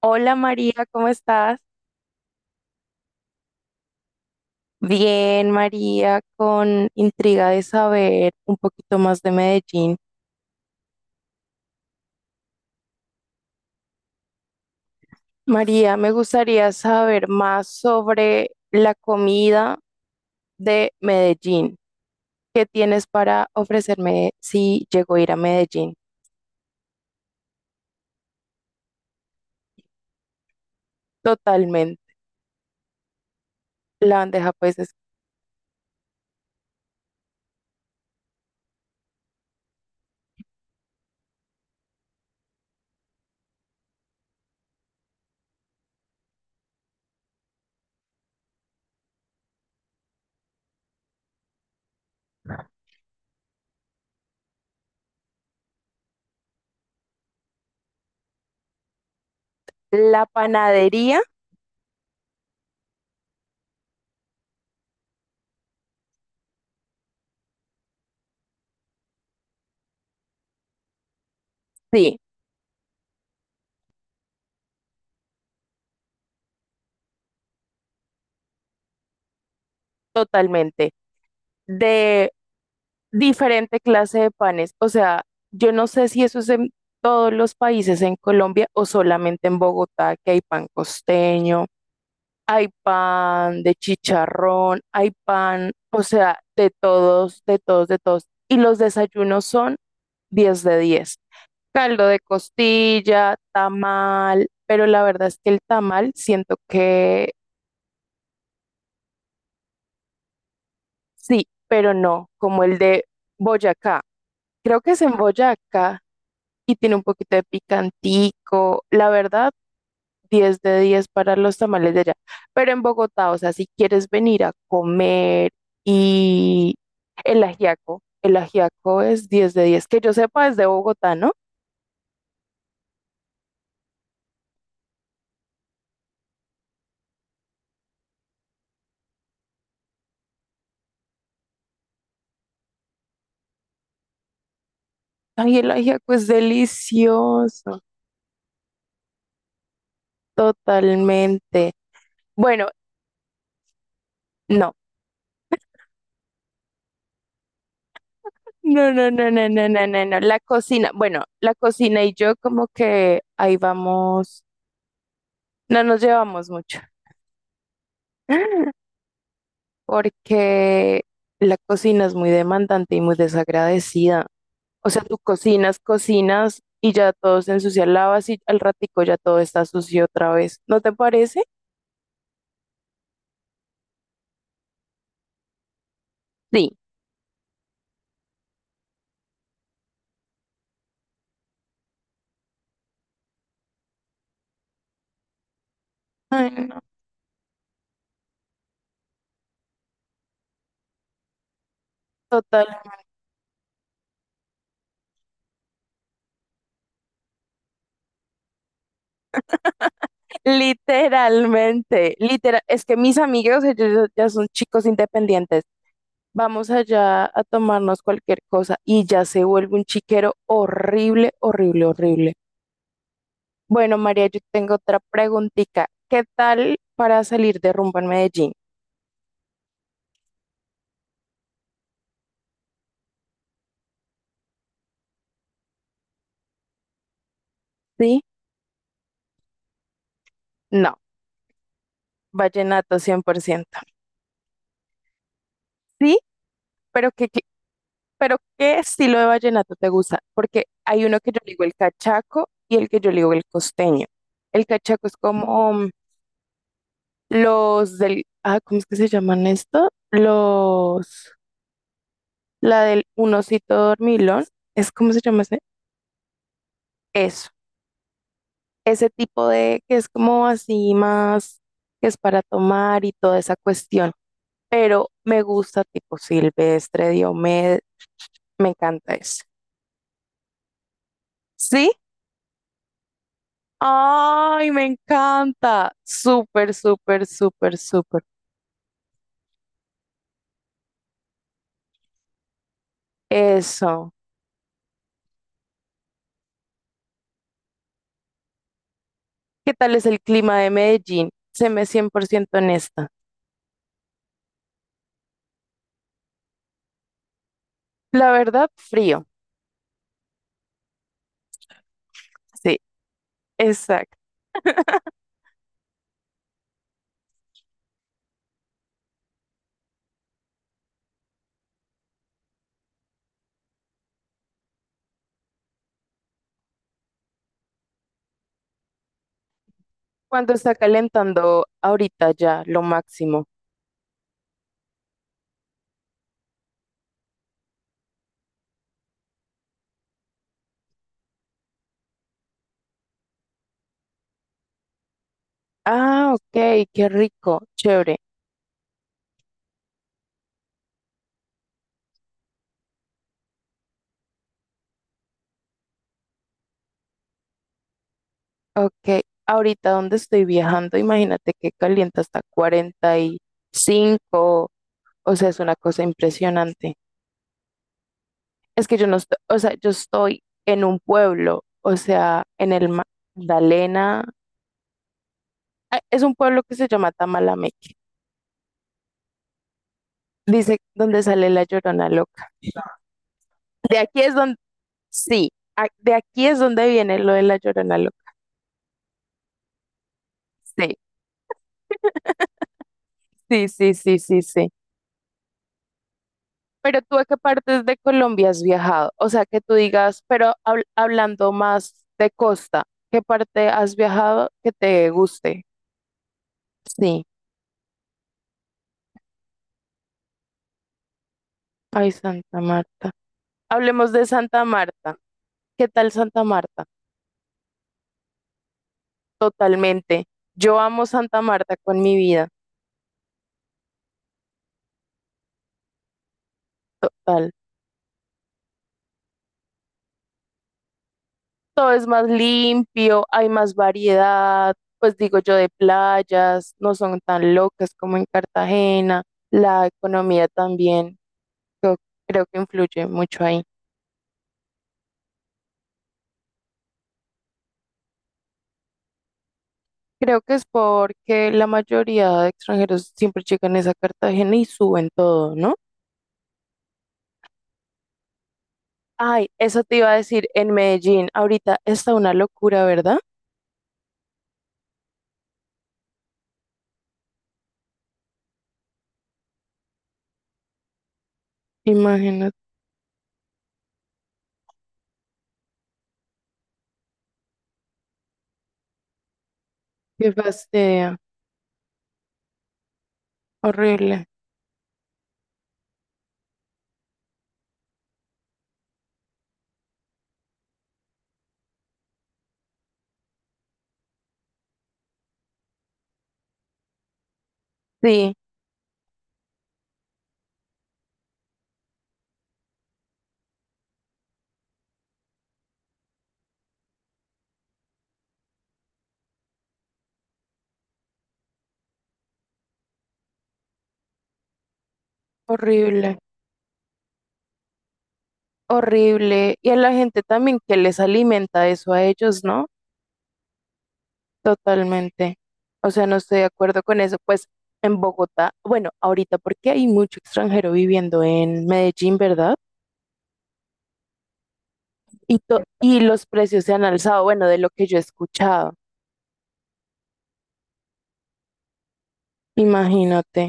Hola María, ¿cómo estás? Bien, María, con intriga de saber un poquito más de Medellín. María, me gustaría saber más sobre la comida de Medellín. ¿Qué tienes para ofrecerme si llego a ir a Medellín? Totalmente. La bandeja pues es la panadería, sí, totalmente. Diferente clase de panes. O sea, yo no sé si eso es en todos los países en Colombia o solamente en Bogotá, que hay pan costeño, hay pan de chicharrón, hay pan, o sea, de todos, de todos, de todos. Y los desayunos son 10 de 10. Caldo de costilla, tamal, pero la verdad es que el tamal siento que sí, pero no, como el de Boyacá. Creo que es en Boyacá y tiene un poquito de picantico. La verdad, 10 de 10 para los tamales de allá. Pero en Bogotá, o sea, si quieres venir a comer y el ajiaco es 10 de 10 que yo sepa es de Bogotá, ¿no? Ay, el ajiaco es delicioso, totalmente. Bueno, no. No, no, no, no, no, no, no, no. La cocina, bueno, la cocina y yo como que ahí vamos, no nos llevamos mucho. Porque la cocina es muy demandante y muy desagradecida. O sea, tú cocinas, cocinas y ya todo se ensucia, lavas y al ratico ya todo está sucio otra vez. ¿No te parece? Sí. Ay, no, total. Literalmente, literal. Es que mis amigos, ellos ya ya son chicos independientes. Vamos allá a tomarnos cualquier cosa y ya se vuelve un chiquero horrible, horrible, horrible. Bueno, María, yo tengo otra preguntita. ¿Qué tal para salir de rumba en Medellín? ¿Sí? No, vallenato 100%. Sí, pero ¿qué, qué- pero ¿qué estilo de vallenato te gusta? Porque hay uno que yo le digo el cachaco y el que yo le digo el costeño. El cachaco es como los del, ¿cómo es que se llaman esto? Los, la del un osito dormilón, ¿es cómo se llama ese? Eso. Ese tipo de que es como así más, que es para tomar y toda esa cuestión. Pero me gusta tipo Silvestre, Diomedes, me encanta eso. ¿Sí? Ay, me encanta. Súper, súper, súper, súper. Eso. ¿Qué tal es el clima de Medellín? Se me ciento honesta. La verdad, frío. Sí, exacto. Cuando está calentando ahorita ya, lo máximo. Ah, ok, qué rico, chévere. Ok, ahorita donde estoy viajando, imagínate que calienta hasta 45. O sea, es una cosa impresionante. Es que yo no estoy, o sea, yo estoy en un pueblo, o sea, Magdalena, ah, es un pueblo que se llama Tamalameque, dice donde sale la Llorona Loca. De aquí es donde, sí, de aquí es donde viene lo de la Llorona Loca. Sí, sí, sí, sí, sí, sí. ¿Pero tú a qué partes de Colombia has viajado? O sea, que tú digas, pero hablando más de costa, ¿qué parte has viajado que te guste? Sí. Ay, Santa Marta. Hablemos de Santa Marta. ¿Qué tal Santa Marta? Totalmente. Yo amo Santa Marta con mi vida. Total. Todo es más limpio, hay más variedad, pues digo yo, de playas, no son tan locas como en Cartagena, la economía también. Yo creo que influye mucho ahí. Creo que es porque la mayoría de extranjeros siempre llegan es a Cartagena y suben todo, ¿no? Ay, eso te iba a decir, en Medellín ahorita está una locura, ¿verdad? Imagínate, qué fastidio, horrible. Sí, horrible, horrible. Y a la gente también que les alimenta eso a ellos, ¿no? Totalmente. O sea, no estoy de acuerdo con eso. Pues en Bogotá, bueno, ahorita porque hay mucho extranjero viviendo en Medellín, ¿verdad? Y los precios se han alzado, bueno, de lo que yo he escuchado. Imagínate,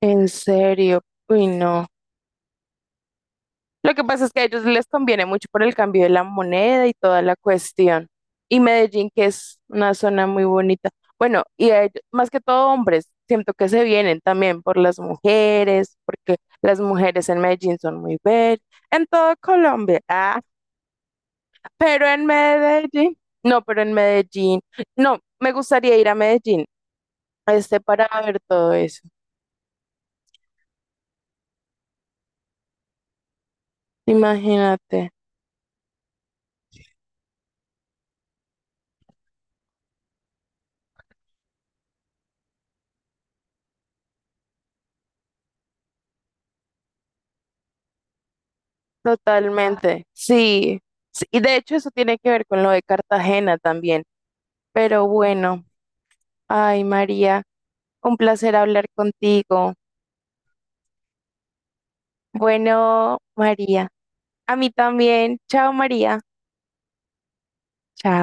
en serio, uy, no. Lo que pasa es que a ellos les conviene mucho por el cambio de la moneda y toda la cuestión. Y Medellín, que es una zona muy bonita. Bueno, y a más que todo hombres, siento que se vienen también por las mujeres, porque las mujeres en Medellín son muy bellas, en toda Colombia, ah, pero en Medellín, no, pero en Medellín, no, me gustaría ir a Medellín. Este para ver todo eso. Imagínate, totalmente. Sí, sí, y de hecho eso tiene que ver con lo de Cartagena también. Pero bueno, ay María, un placer hablar contigo. Bueno, María, a mí también. Chao María. Chao.